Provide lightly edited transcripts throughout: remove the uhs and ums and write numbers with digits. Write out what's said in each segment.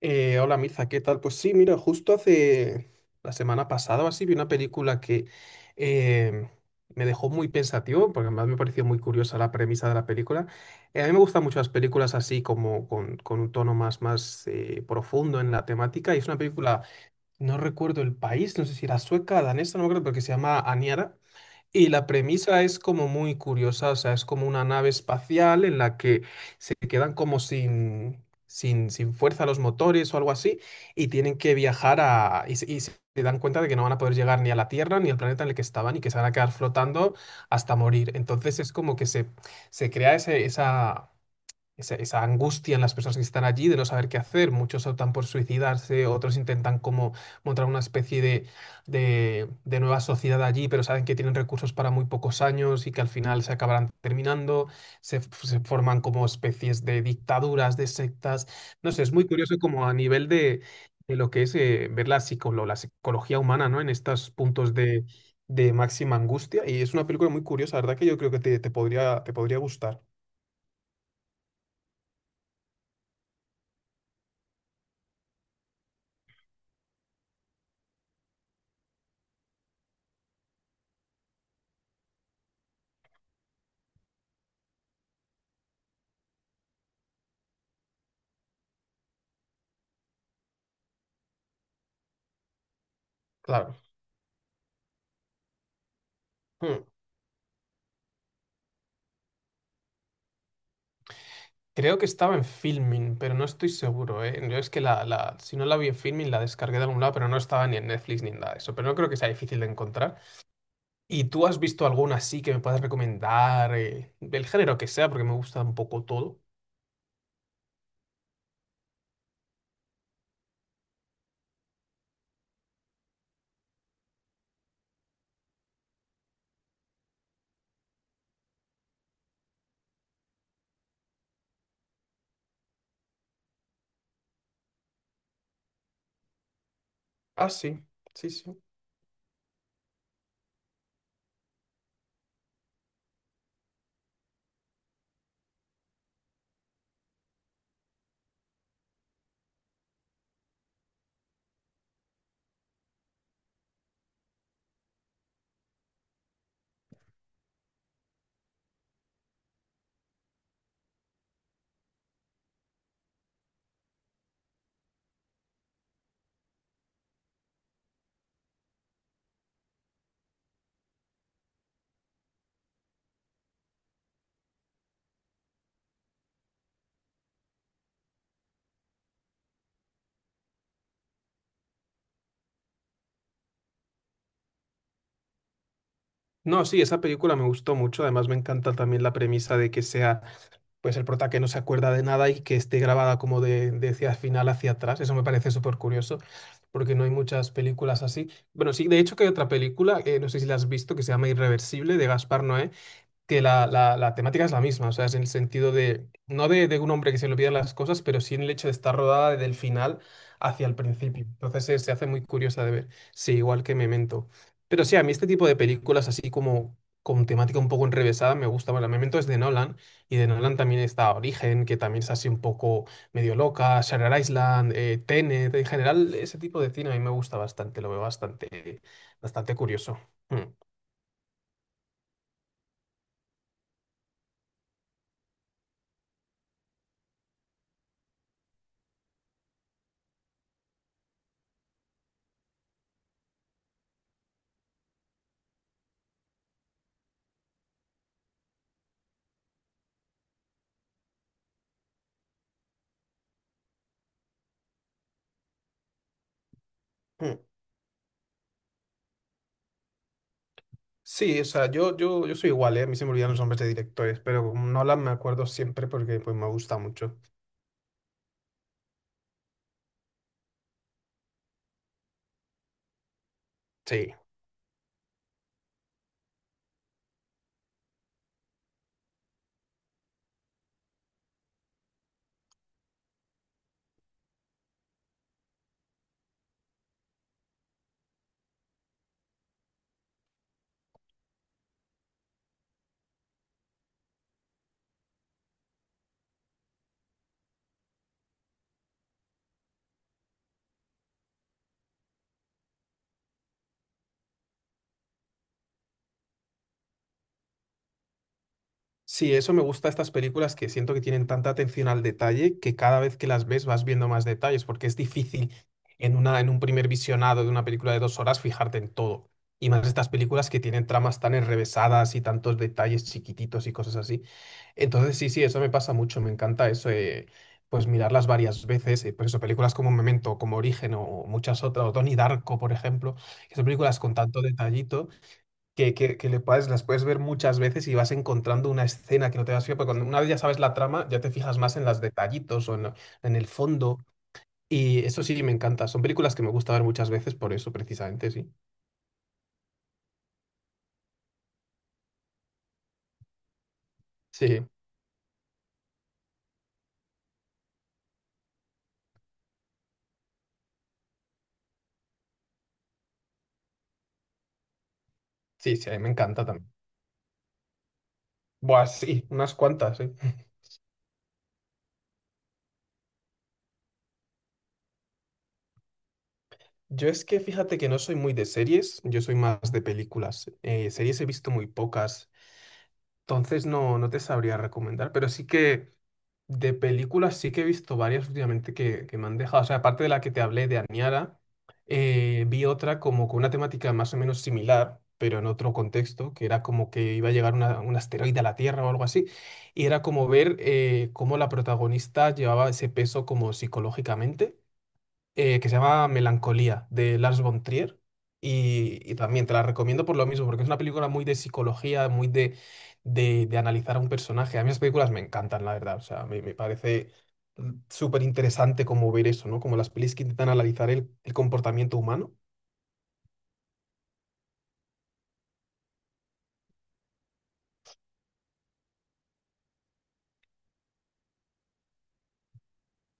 Hola Mirza, ¿qué tal? Pues sí, mira, justo hace la semana pasada o así vi una película que eh, me dejó muy pensativo, porque además me pareció muy curiosa la premisa de la película. A mí me gustan mucho las películas así como con un tono más profundo en la temática. Y es una película, no recuerdo el país, no sé si era sueca, danesa, no me acuerdo, pero que se llama Aniara. Y la premisa es como muy curiosa, o sea, es como una nave espacial en la que se quedan como sin fuerza los motores o algo así, y tienen que viajar a... Y se dan cuenta de que no van a poder llegar ni a la Tierra ni al planeta en el que estaban y que se van a quedar flotando hasta morir. Entonces es como que se crea esa angustia en las personas que están allí de no saber qué hacer. Muchos optan por suicidarse, otros intentan como montar una especie de nueva sociedad allí, pero saben que tienen recursos para muy pocos años y que al final se acabarán terminando. Se forman como especies de dictaduras, de sectas. No sé, es muy curioso como a nivel de lo que es ver la psicología humana, ¿no? En estos puntos de máxima angustia y es una película muy curiosa, la verdad que yo creo que te podría gustar. Claro. Hmm. Creo que estaba en Filmin, pero no estoy seguro, ¿eh? Yo es que si no la vi en Filmin, la descargué de algún lado, pero no estaba ni en Netflix ni en nada de eso. Pero no creo que sea difícil de encontrar. ¿Y tú has visto alguna así que me puedas recomendar? Del género que sea, porque me gusta un poco todo. Ah, sí, sí, sí. No, sí, esa película me gustó mucho. Además, me encanta también la premisa de que sea pues el prota que no se acuerda de nada y que esté grabada como de hacia final hacia atrás. Eso me parece súper curioso, porque no hay muchas películas así. Bueno, sí, de hecho que hay otra película, no sé si la has visto, que se llama Irreversible, de Gaspar Noé, que la temática es la misma, o sea, es en el sentido de, no de, de un hombre que se le olvidan las cosas, pero sí en el hecho de estar rodada del final hacia el principio. Entonces se hace muy curiosa de ver, sí, igual que Memento. Pero sí, a mí este tipo de películas así como con temática un poco enrevesada me gusta. Bueno, Memento es de Nolan y de Nolan también está Origen, que también es así un poco medio loca, Shutter Island, Tenet, en general ese tipo de cine a mí me gusta bastante, lo veo bastante, bastante curioso. Mm. Sí, o sea, yo soy igual, ¿eh? A mí se me olvidan los nombres de directores, pero como Nolan me acuerdo siempre porque pues, me gusta mucho. Sí. Sí, eso me gusta de estas películas que siento que tienen tanta atención al detalle que cada vez que las ves vas viendo más detalles, porque es difícil en una, en un primer visionado de una película de dos horas fijarte en todo. Y más estas películas que tienen tramas tan enrevesadas y tantos detalles chiquititos y cosas así. Entonces, sí, sí, eso me pasa mucho, me encanta eso, pues mirarlas varias veces, por eso películas como Memento, como Origen o muchas otras, o Donnie Darko, por ejemplo, que son películas con tanto detallito que, que le puedes, las puedes ver muchas veces y vas encontrando una escena que no te das fijado, porque cuando una vez ya sabes la trama, ya te fijas más en los detallitos o en el fondo, y eso sí, me encanta, son películas que me gusta ver muchas veces por eso, precisamente, sí. Sí, sí, sí, a mí me encanta también. Buah, sí, unas cuantas, sí. Yo es que fíjate que no soy muy de series, yo soy más de películas. Series he visto muy pocas, entonces no, no te sabría recomendar, pero sí que de películas sí que he visto varias últimamente que me han dejado. O sea, aparte de la que te hablé de Aniara, vi otra como con una temática más o menos similar, pero en otro contexto, que era como que iba a llegar una- un asteroide a la Tierra o algo así, y era como ver cómo la protagonista llevaba ese peso como psicológicamente que se llama Melancolía, de Lars von Trier. Y también te la recomiendo por lo mismo, porque es una película muy de psicología, muy de, de analizar a un personaje. A mí las películas me encantan, la verdad. O sea, me parece súper interesante como ver eso, ¿no? Como las pelis que intentan analizar el comportamiento humano.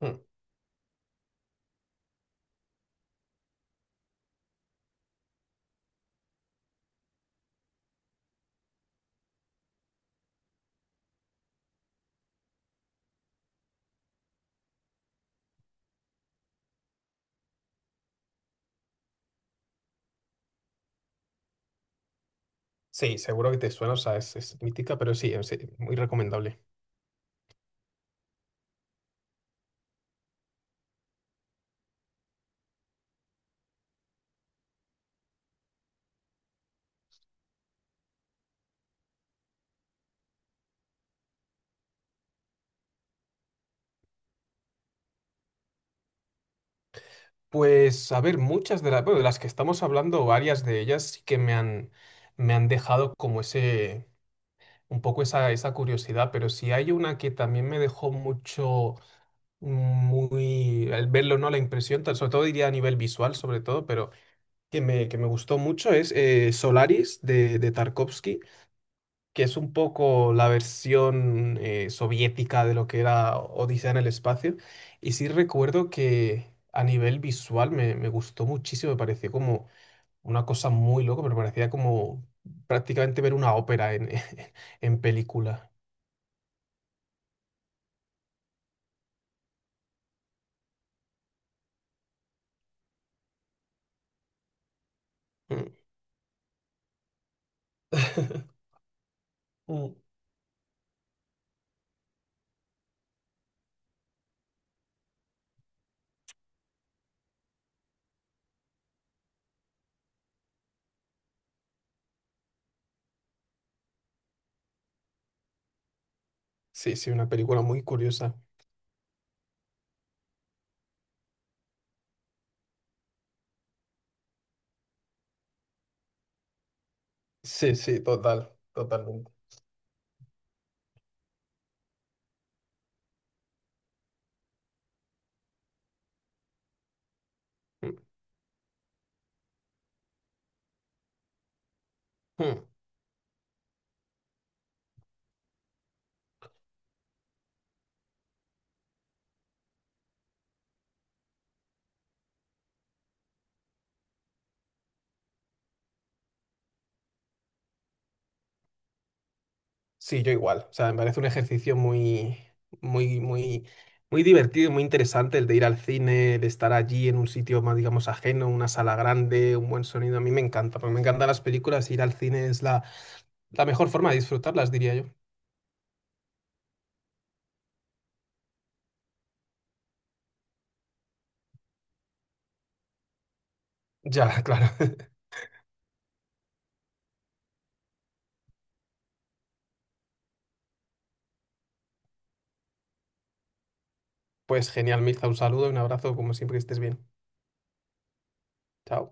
Mm. Sí, seguro que te suena, o sea, es mítica, pero sí, es muy recomendable. Pues, a ver, muchas de las, bueno, de las que estamos hablando, varias de ellas sí que me han dejado como ese, un poco esa curiosidad, pero si hay una que también me dejó mucho, muy, al verlo, ¿no? La impresión, tal- sobre todo diría a nivel visual, sobre todo, pero que que me gustó mucho es Solaris de Tarkovsky, que es un poco la versión soviética de lo que era Odisea en el espacio. Y sí recuerdo que a nivel visual me gustó muchísimo, me pareció como una cosa muy loca, pero parecía como prácticamente ver una ópera en, en película. Mm. Sí, sí, una película muy curiosa. Sí, sí, total, totalmente. Mm. Mm. Sí, yo igual. O sea, me parece un ejercicio muy, muy, muy divertido y muy interesante el de ir al cine, de estar allí en un sitio más, digamos, ajeno, una sala grande, un buen sonido. A mí me encanta, porque me encantan las películas. Y Ir al cine es la mejor forma de disfrutarlas, diría yo. Ya, claro. Pues genial, Mirza, un saludo y un abrazo, como siempre, que estés bien. Chao.